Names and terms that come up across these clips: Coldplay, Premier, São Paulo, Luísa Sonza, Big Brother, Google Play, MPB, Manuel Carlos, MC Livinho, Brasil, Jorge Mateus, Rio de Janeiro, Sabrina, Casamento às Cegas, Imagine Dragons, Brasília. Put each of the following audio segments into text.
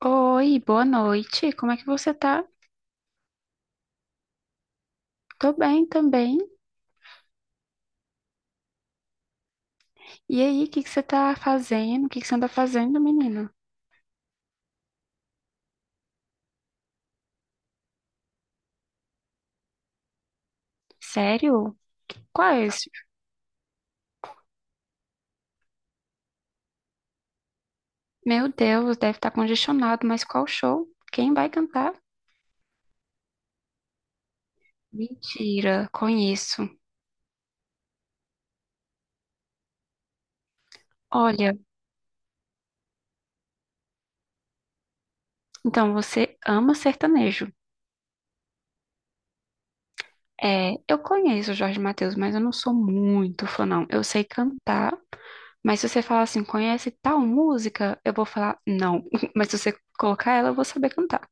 Oi, boa noite. Como é que você tá? Tô bem também. E aí, o que que você tá fazendo? O que que você anda fazendo, menino? Sério? Quais? Meu Deus, deve estar congestionado, mas qual show? Quem vai cantar? Mentira, conheço. Olha, então você ama sertanejo. É, eu conheço o Jorge Mateus, mas eu não sou muito fã, não. Eu sei cantar, mas se você falar assim, conhece tal música, eu vou falar não. Mas se você colocar ela, eu vou saber cantar.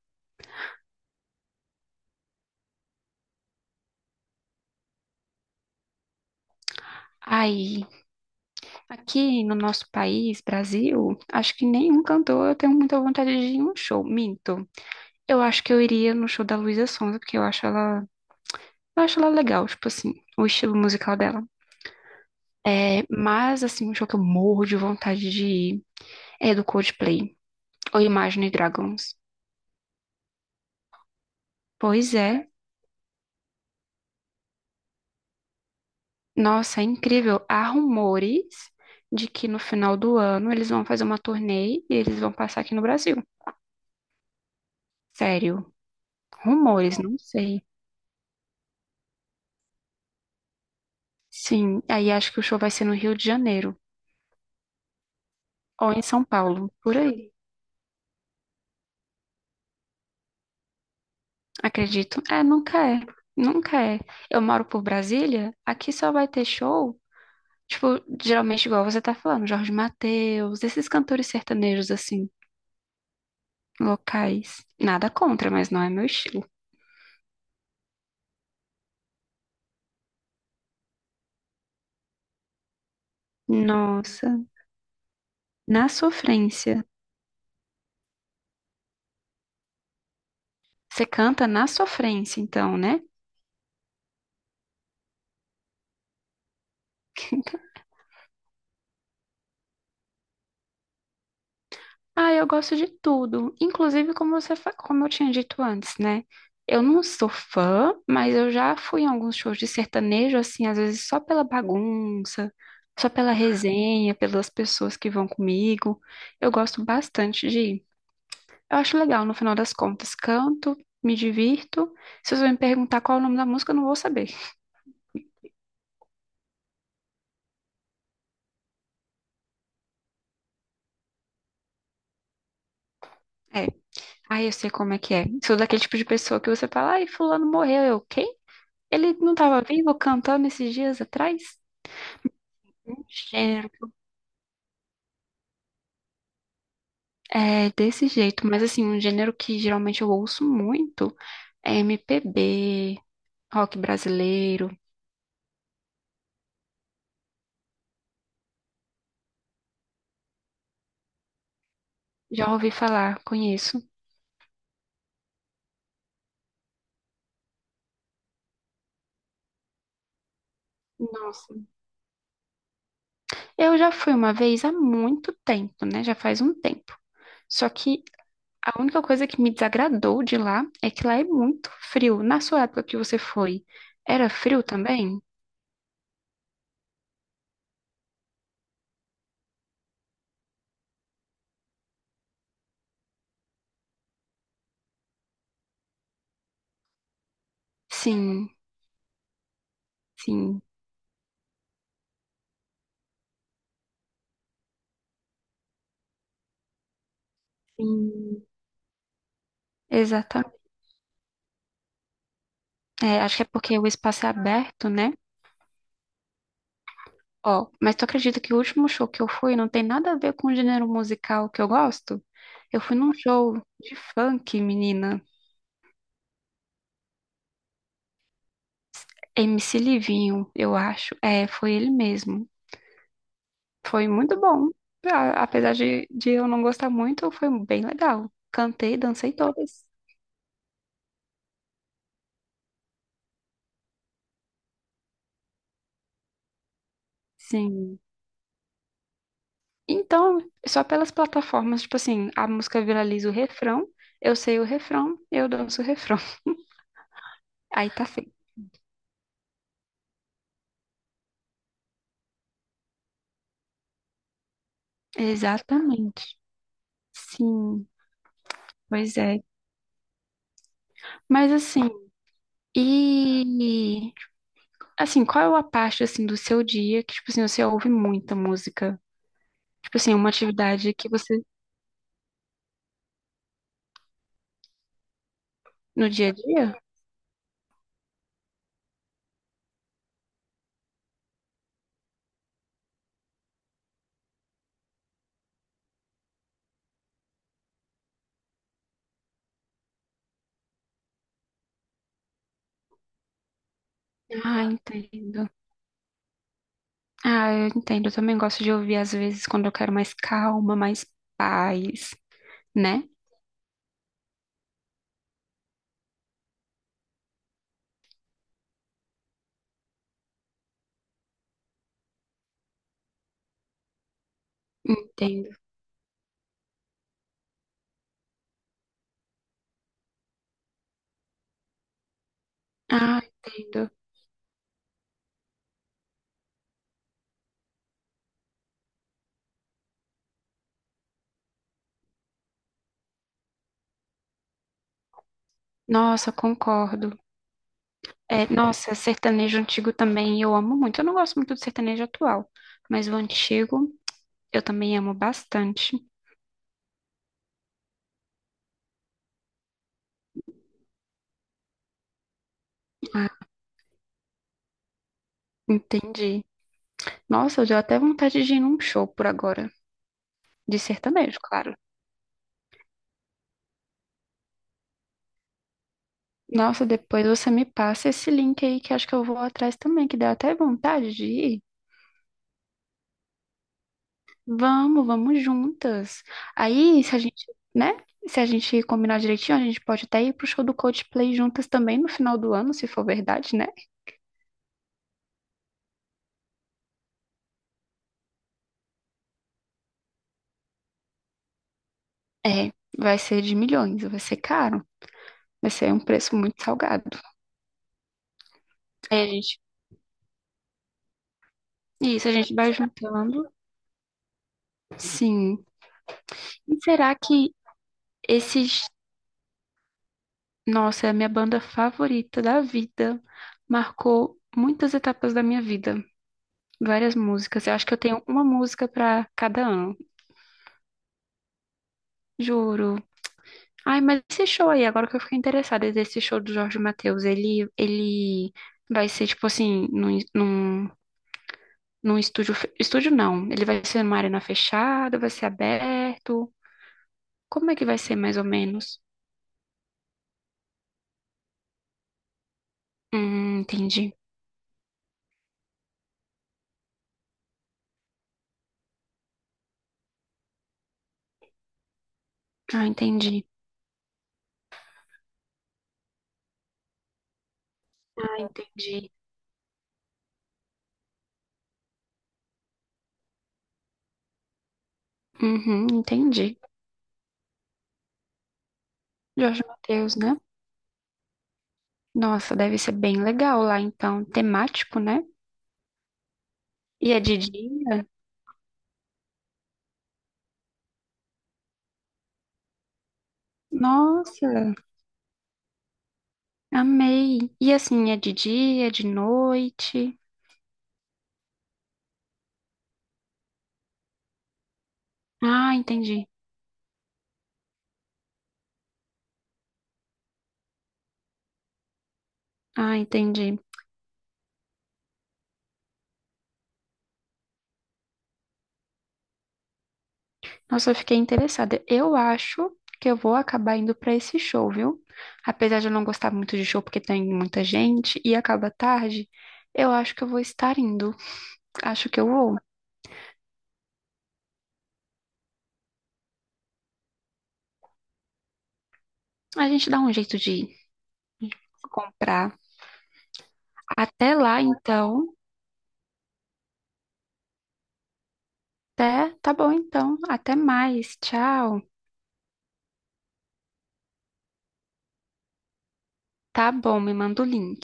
Aí, aqui no nosso país, Brasil, acho que nenhum cantor eu tenho muita vontade de ir em um show. Minto. Eu acho que eu iria no show da Luísa Sonza, porque eu acho ela legal, tipo assim, o estilo musical dela. É, mas assim, um show que eu morro de vontade de ir é do Coldplay, ou Imagine Dragons. Pois é, nossa, é incrível. Há rumores de que no final do ano eles vão fazer uma turnê e eles vão passar aqui no Brasil. Sério, rumores, não sei. Sim, aí acho que o show vai ser no Rio de Janeiro ou em São Paulo, por aí. Acredito. É, nunca é. Nunca é. Eu moro por Brasília, aqui só vai ter show, tipo, geralmente igual você tá falando, Jorge Mateus, esses cantores sertanejos assim, locais. Nada contra, mas não é meu estilo. Nossa, na sofrência. Você canta na sofrência, então, né? Ah, eu gosto de tudo. Inclusive, como você, como eu tinha dito antes, né? Eu não sou fã, mas eu já fui em alguns shows de sertanejo, assim, às vezes só pela bagunça, só pela resenha, pelas pessoas que vão comigo. Eu gosto bastante de ir. Eu acho legal, no final das contas, canto, me divirto. Se você me perguntar qual é o nome da música, eu não vou saber. É, aí eu sei como é que é. Sou daquele tipo de pessoa que você fala, ai, fulano morreu. Eu, quem? Ele não estava vivo cantando esses dias atrás? Um gênero É desse jeito, mas assim, um gênero que geralmente eu ouço muito é MPB, rock brasileiro. Já ouvi falar, conheço. Nossa. Eu já fui uma vez há muito tempo, né? Já faz um tempo. Só que a única coisa que me desagradou de lá é que lá é muito frio. Na sua época que você foi, era frio também? Sim, sim, sim. Exatamente. É, acho que é porque o espaço é aberto, né? Ó, mas tu acredita que o último show que eu fui não tem nada a ver com o gênero musical que eu gosto? Eu fui num show de funk, menina. MC Livinho, eu acho. É, foi ele mesmo. Foi muito bom. Apesar de eu não gostar muito, foi bem legal. Cantei, dancei todas. Sim. Então, só pelas plataformas, tipo assim, a música viraliza o refrão, eu sei o refrão, eu danço o refrão. Aí tá feito. Exatamente. Sim, pois é. Mas assim, E assim, qual é a parte assim do seu dia que tipo assim você ouve muita música? Tipo assim, uma atividade que você no dia a dia? Ah, entendo. Ah, eu entendo. Eu também gosto de ouvir às vezes quando eu quero mais calma, mais paz, né? Entendo. Ah, entendo. Nossa, concordo. É, nossa, sertanejo antigo também eu amo muito. Eu não gosto muito do sertanejo atual, mas o antigo eu também amo bastante. Ah, entendi. Nossa, deu até vontade de ir num show por agora. De sertanejo, claro. Nossa, depois você me passa esse link aí que acho que eu vou atrás também, que deu até vontade de ir. Vamos, vamos juntas. Aí, se a gente, né? Se a gente combinar direitinho, a gente pode até ir pro show do Coldplay juntas também no final do ano, se for verdade, né? É, vai ser de milhões, vai ser caro, vai ser um preço muito salgado. Aí a gente, isso, a gente vai juntando. Sim. E será que esses... Nossa, é a minha banda favorita da vida. Marcou muitas etapas da minha vida, várias músicas. Eu acho que eu tenho uma música pra cada ano, juro. Ai, mas esse show aí, agora que eu fiquei interessada, esse show do Jorge Mateus, ele vai ser tipo assim, num estúdio, estúdio não, ele vai ser numa arena fechada, vai ser aberto. Como é que vai ser mais ou menos? Entendi. Ah, entendi. Ah, entendi. Uhum, entendi. Jorge Mateus, né? Nossa, deve ser bem legal lá, então, temático, né? E é de dia? Nossa, amei. E assim, é de dia, é de noite? Ah, entendi. Ah, entendi. Nossa, eu fiquei interessada. Eu acho que eu vou acabar indo pra esse show, viu? Apesar de eu não gostar muito de show porque tem muita gente e acaba tarde, eu acho que eu vou estar indo. Acho que eu vou. A gente dá um jeito de comprar. Até lá, então. É, tá bom então. Até mais. Tchau. Tá bom, me manda o link.